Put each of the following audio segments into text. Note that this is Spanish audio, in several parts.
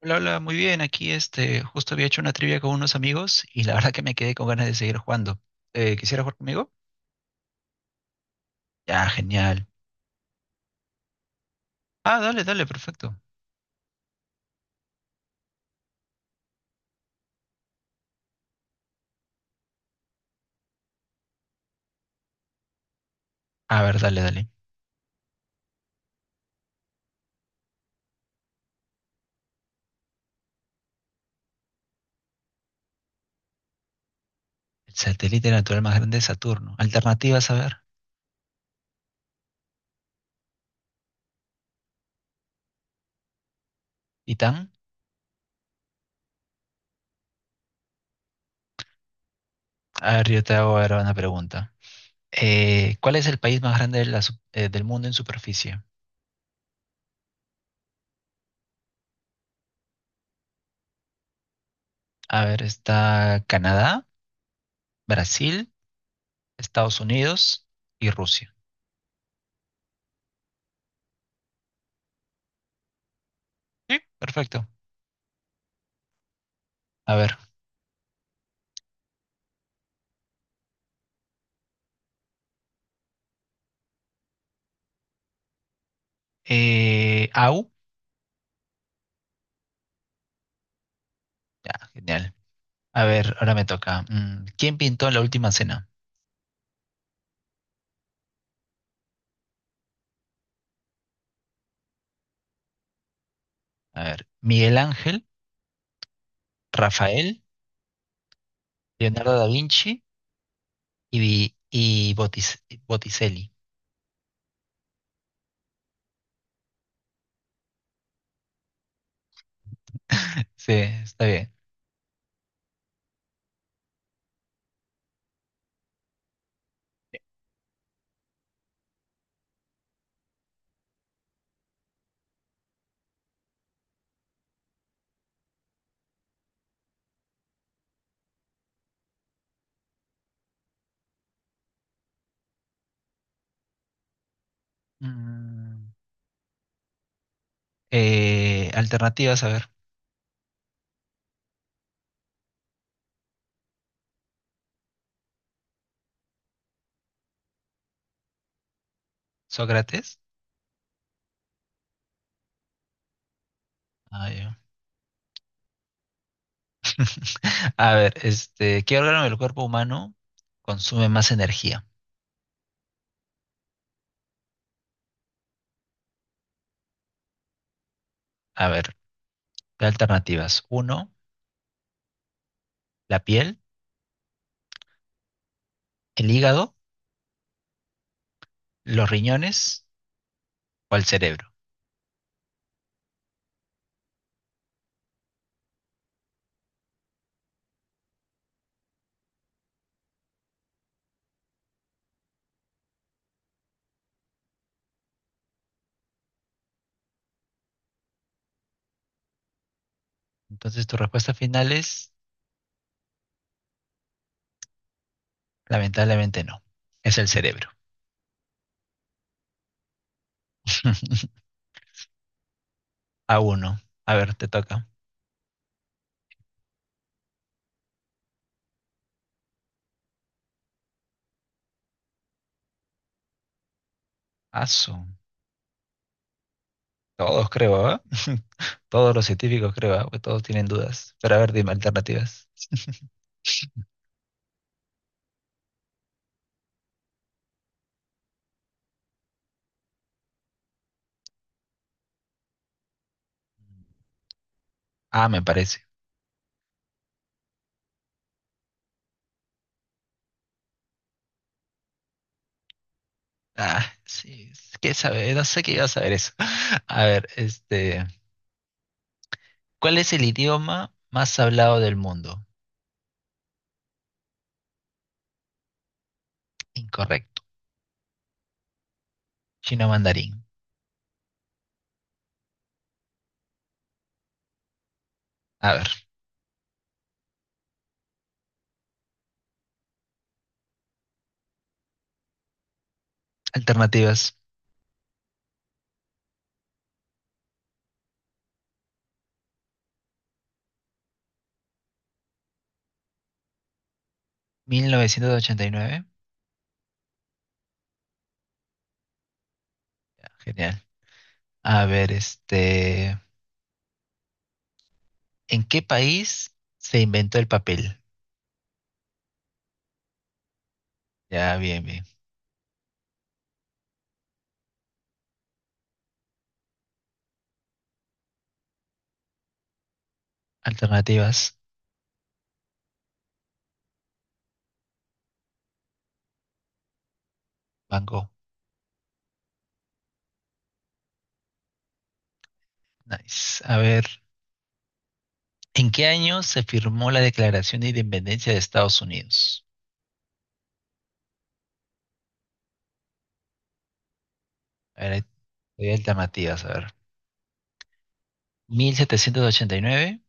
Hola, hola, muy bien. Aquí justo había hecho una trivia con unos amigos y la verdad que me quedé con ganas de seguir jugando. ¿Quisiera jugar conmigo? Ya, genial. Ah, dale, dale, perfecto. A ver, dale, dale. El satélite natural más grande es Saturno. Alternativas, a ver. ¿Titán? A ver, yo te hago ahora una pregunta. ¿Cuál es el país más grande de del mundo en superficie? A ver, está Canadá, Brasil, Estados Unidos y Rusia. Sí, perfecto. A ver, AU. Ya, genial. A ver, ahora me toca. ¿Quién pintó La Última Cena? A ver, Miguel Ángel, Rafael, Leonardo da Vinci y Botticelli. Sí, está bien. Mm, Alternativas, a ver. Sócrates. Ah, ya. A ver, ¿qué órgano del cuerpo humano consume más energía? A ver, ¿qué alternativas? Uno, la piel, el hígado, los riñones o el cerebro. Entonces, tu respuesta final es. Lamentablemente no. Es el cerebro. A uno. A ver, te toca. Asu. Todos creo, ¿ah? Todos los científicos creo, ¿ah? Pues todos tienen dudas. Pero a ver, dime alternativas. Ah, me parece. Ah, sí. ¿Qué sabe? No sé qué iba a saber eso. A ver, este. ¿Cuál es el idioma más hablado del mundo? Incorrecto. Chino mandarín. A ver, alternativas. 1989. Ah, genial. A ver, este. ¿En qué país se inventó el papel? Ya, bien, bien. Alternativas. Van Gogh. Nice. A ver, ¿en qué año se firmó la Declaración de Independencia de Estados Unidos? A ver, hay alternativas. A ver, 1789,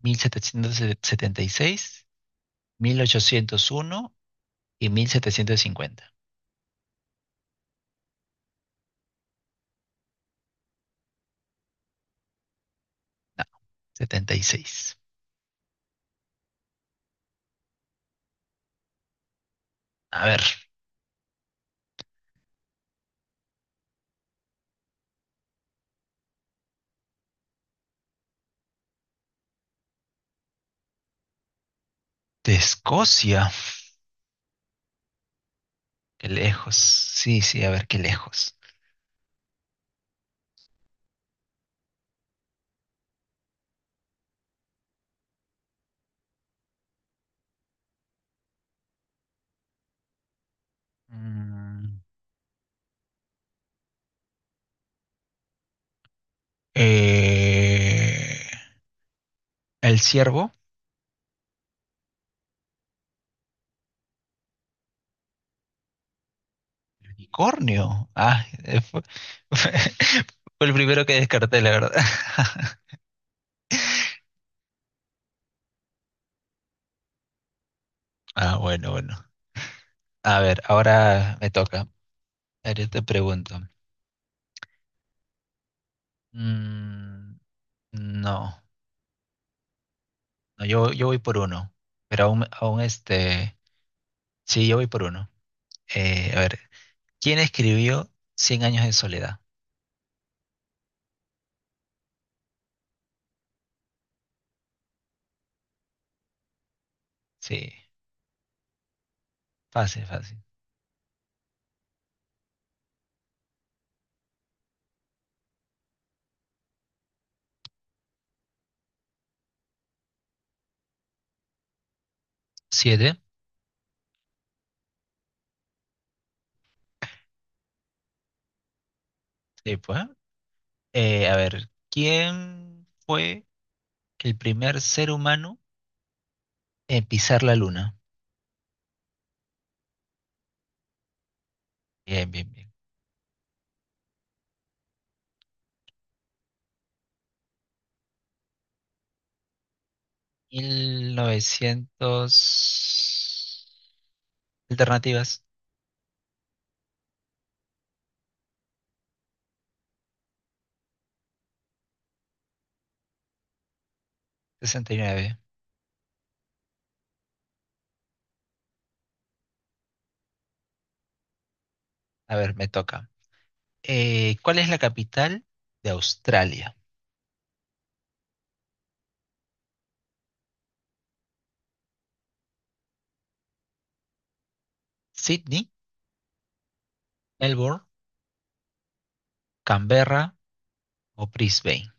1776, 1801 y 1750. No, 76. A ver, de Escocia. Qué lejos. Sí, sí, a ver, qué lejos. Mm, eh, El ciervo, el unicornio. Fue, fue el primero que descarté, la verdad. Ah, bueno, bueno. A ver, ahora me toca. A ver, yo te pregunto. Mm, no, no, yo voy por uno. Pero aún este. Sí, yo voy por uno. A ver, ¿quién escribió Cien años de soledad? Sí, fácil, fácil. Siete. Sí, pues. A ver, ¿quién fue el primer ser humano? Pisar la luna. Bien, bien, bien. 1900... Alternativas. 69. A ver, me toca. ¿Cuál es la capital de Australia? ¿Sydney, Melbourne, Canberra o Brisbane?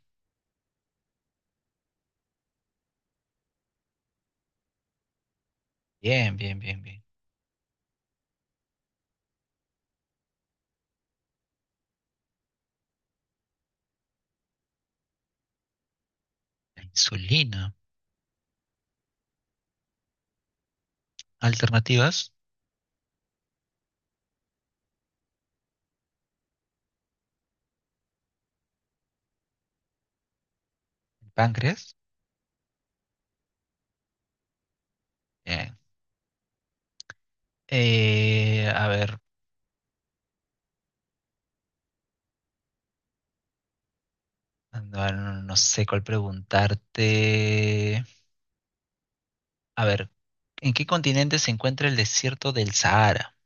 Bien, bien, bien, bien. La insulina. Alternativas. ¿El páncreas? Bien. A ver, no, no sé cuál preguntarte. A ver, ¿en qué continente se encuentra el desierto del Sahara?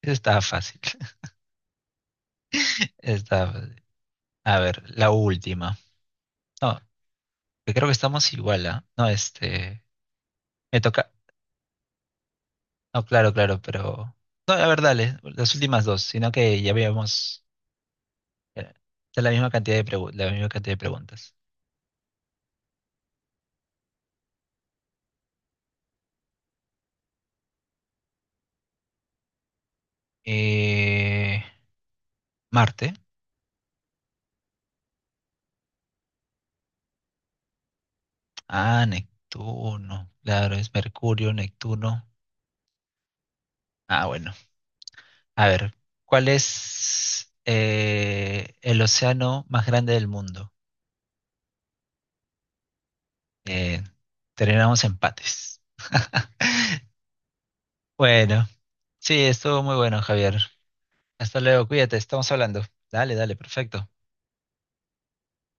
Está fácil. Está fácil. A ver, la última. No, que creo que estamos igual, ¿ah? No, este. Me toca. No, claro, claro, pero. No, a ver, dale, las últimas dos, sino que ya habíamos. eh, Es la misma cantidad la misma cantidad de preguntas. Eh, Marte. Ah, Neptuno. Claro, es Mercurio, Neptuno. Ah, bueno. A ver, ¿cuál es el océano más grande del mundo? Eh, terminamos empates. Bueno, sí, estuvo muy bueno, Javier. Hasta luego, cuídate, estamos hablando. Dale, dale, perfecto.